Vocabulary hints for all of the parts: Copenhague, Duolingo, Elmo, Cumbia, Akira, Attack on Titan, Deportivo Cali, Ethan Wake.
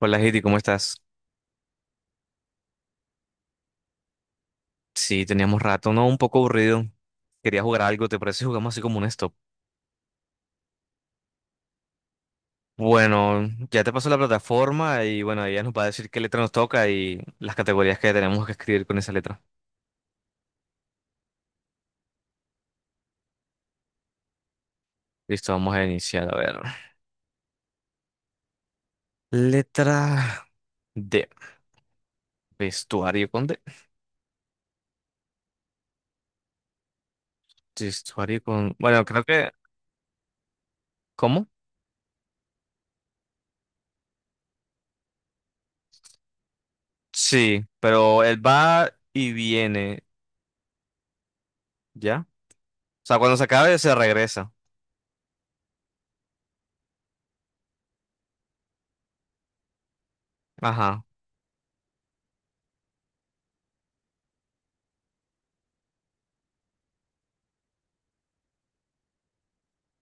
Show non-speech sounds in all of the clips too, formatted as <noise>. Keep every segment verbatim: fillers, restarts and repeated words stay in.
Hola, Heidi, ¿cómo estás? Sí, teníamos rato, ¿no? Un poco aburrido. Quería jugar algo, ¿te parece? Si jugamos así como un stop. Bueno, ya te pasó la plataforma y bueno, ella nos va a decir qué letra nos toca y las categorías que tenemos que escribir con esa letra. Listo, vamos a iniciar, a ver. Letra D. Vestuario con D. Vestuario con... Bueno, creo que... ¿Cómo? Sí, pero él va y viene, ¿ya? O sea, cuando se acabe se regresa. Ajá.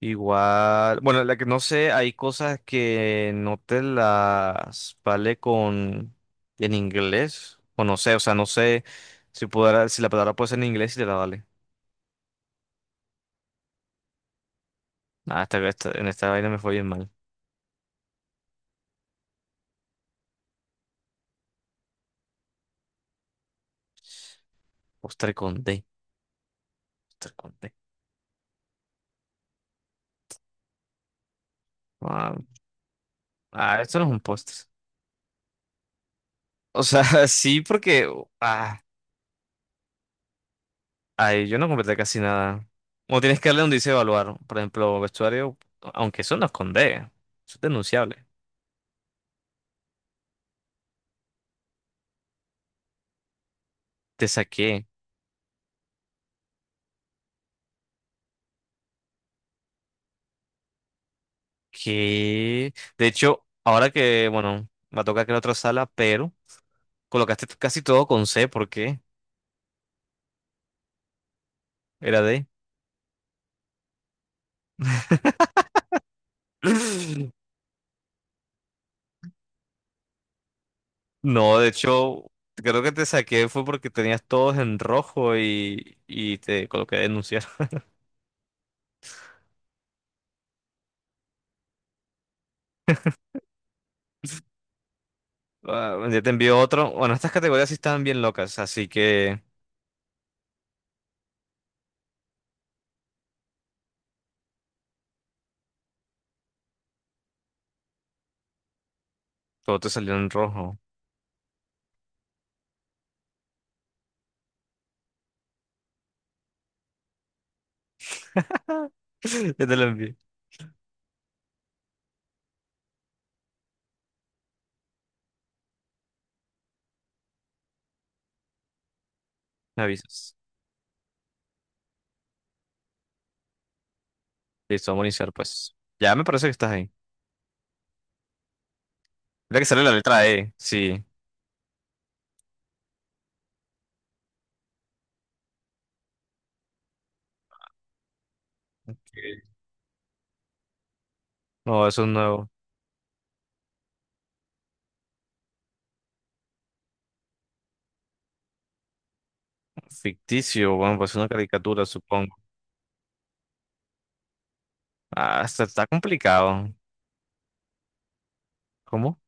Igual, bueno, la que no sé, hay cosas que no te las vale con en inglés, o no sé, o sea, no sé si pudiera, si la palabra puede ser en inglés y te la vale. Ah, esta, esta- en esta vaina me fue bien mal. Postre con D, postre con D. Ah, ah, Esto no es un postre. O sea, <laughs> sí, porque, ah, ay, yo no completé casi nada. O tienes que darle donde dice evaluar, por ejemplo, vestuario, aunque eso no es con D, eso es denunciable. Te saqué. Que, de hecho, ahora que, bueno, me toca que la otra sala, pero colocaste casi todo con C, ¿por qué? Era D. <laughs> No, de hecho, creo que te saqué fue porque tenías todos en rojo y, y te coloqué a denunciar. <laughs> Ah, ya te envío otro. Bueno, estas categorías sí estaban bien locas, así que todo te salió en rojo. <laughs> Ya te lo envié. Me avisas. Listo, vamos a iniciar, pues. Ya me parece que estás ahí. Mira que sale la letra E, sí. Ok. No, eso es nuevo. Ficticio, bueno, pues una caricatura, supongo. Ah, está, está complicado. ¿Cómo?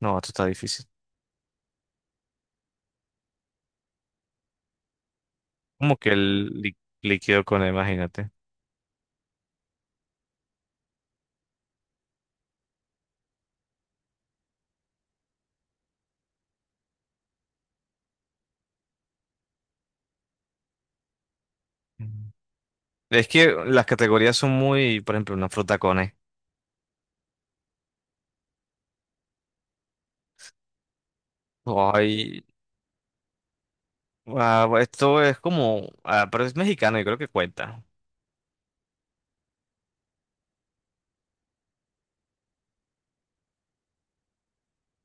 No, esto está difícil. Como que el lí- Líquido con él, imagínate. Mm. Es que las categorías son muy, por ejemplo, una fruta con E. Ay, ah, Esto es como, ah, pero es mexicano y creo que cuenta.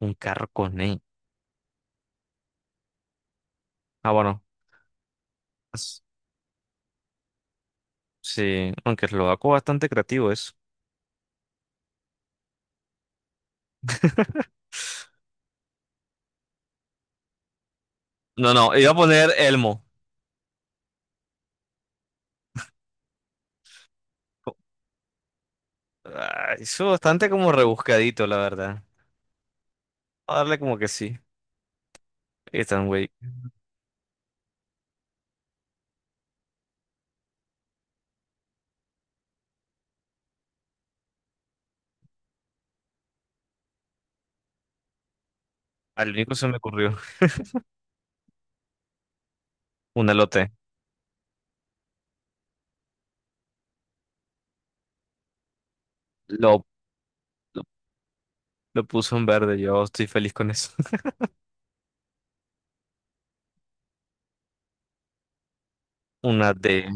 Un carro con E. Ah, bueno. es- Sí, aunque lo hago bastante creativo eso. <laughs> No, no, iba a poner Elmo. Co- Ah, eso es bastante como rebuscadito, la verdad. A darle como que sí. Ethan Wake. Al único se me ocurrió <laughs> un elote. Lo, lo, lo puso en verde. Yo estoy feliz con eso. <laughs> Una D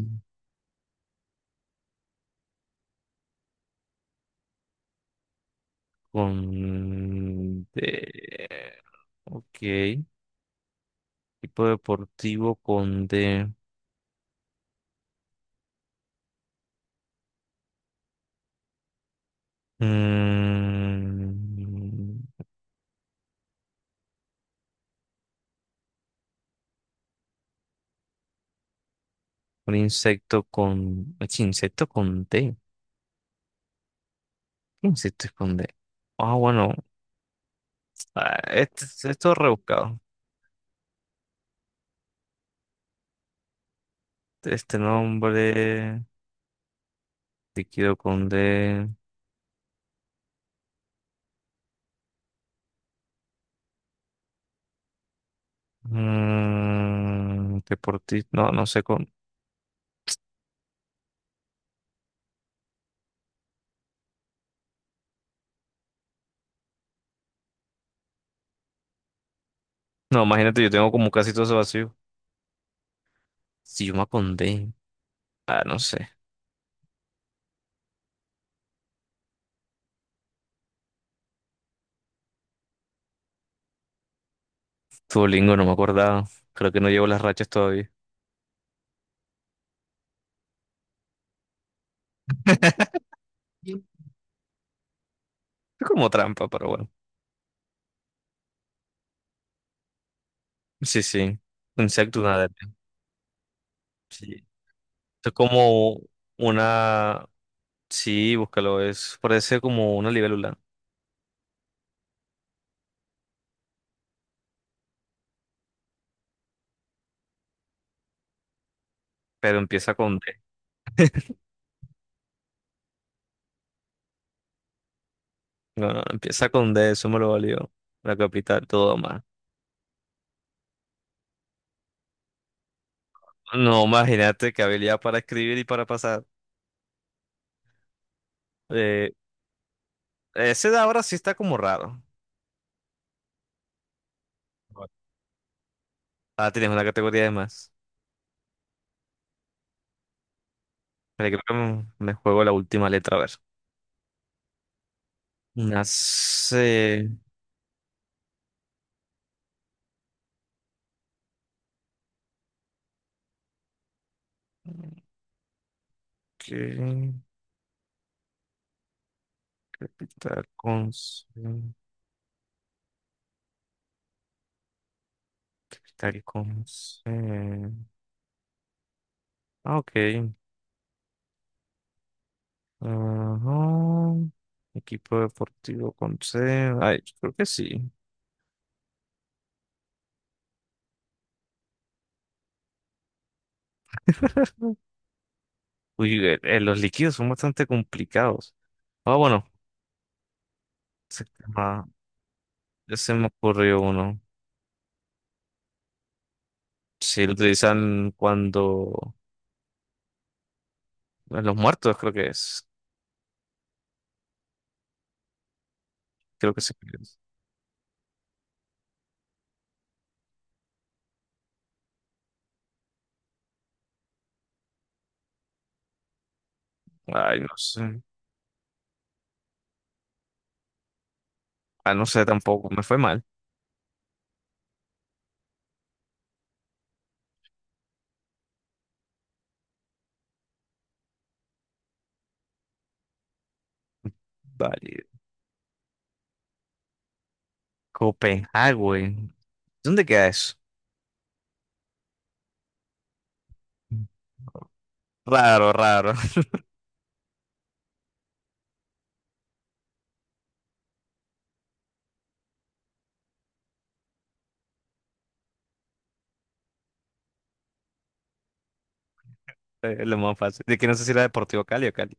con D. Ok. Tipo deportivo con D. Mm, un insecto con. Ech, insecto con D. ¿Qué insecto es con D? Ah, bueno. ah, Este, Esto es rebuscado. Este nombre. Líquido con D. Mm, deportista, no, no sé con... No, imagínate, yo tengo como casi todo eso vacío. Si yo me acondé. Ah, no sé. Duolingo, no me acordaba. Creo que no llevo las rachas todavía. <laughs> Es como trampa, pero bueno. Sí, sí. Insecto, nada. Sí. Es como una... Sí, búscalo, es... Parece como una libélula, pero empieza con D. No, no, empieza con D, eso me lo valió. La capital, todo más. No, imagínate qué habilidad para escribir y para pasar. Eh, Ese de ahora sí está como raro. Ah, tienes una categoría de más. Pero creo que me, me juego la última letra, a ver. Una C. Ok, capital con C. Capital con C. Ah, ok. Ajá. Equipo deportivo con C. Ay, yo creo que sí. Uy, eh, eh, los líquidos son bastante complicados. Ah, bueno. Se, llama- ya se me ocurrió uno. Si lo utilizan cuando los muertos creo que es. Creo que sí. Ay, no sé. Ah, no sé tampoco. Me fue mal. Vale. Copenhague. ¿Dónde queda eso? Raro, raro. <laughs> Es lo más fácil. De que no sé si era Deportivo Cali o Cali.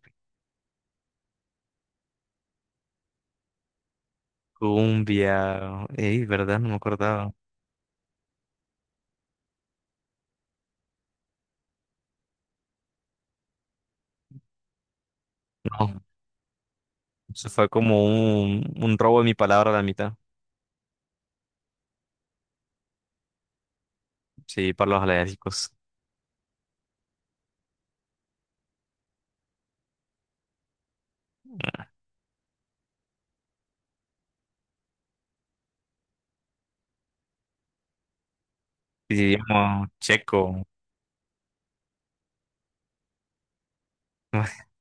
Cumbia. Ey, ¿verdad? No me acordaba. No. Eso fue como un, un robo de mi palabra a la mitad. Sí, para los alérgicos. Y digamos, checo. <laughs>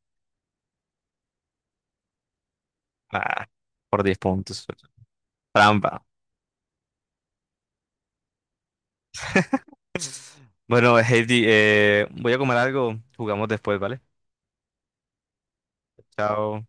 Ah, por diez puntos. Trampa. Bueno, Heidi, eh, voy a comer algo. Jugamos después, ¿vale? Chao.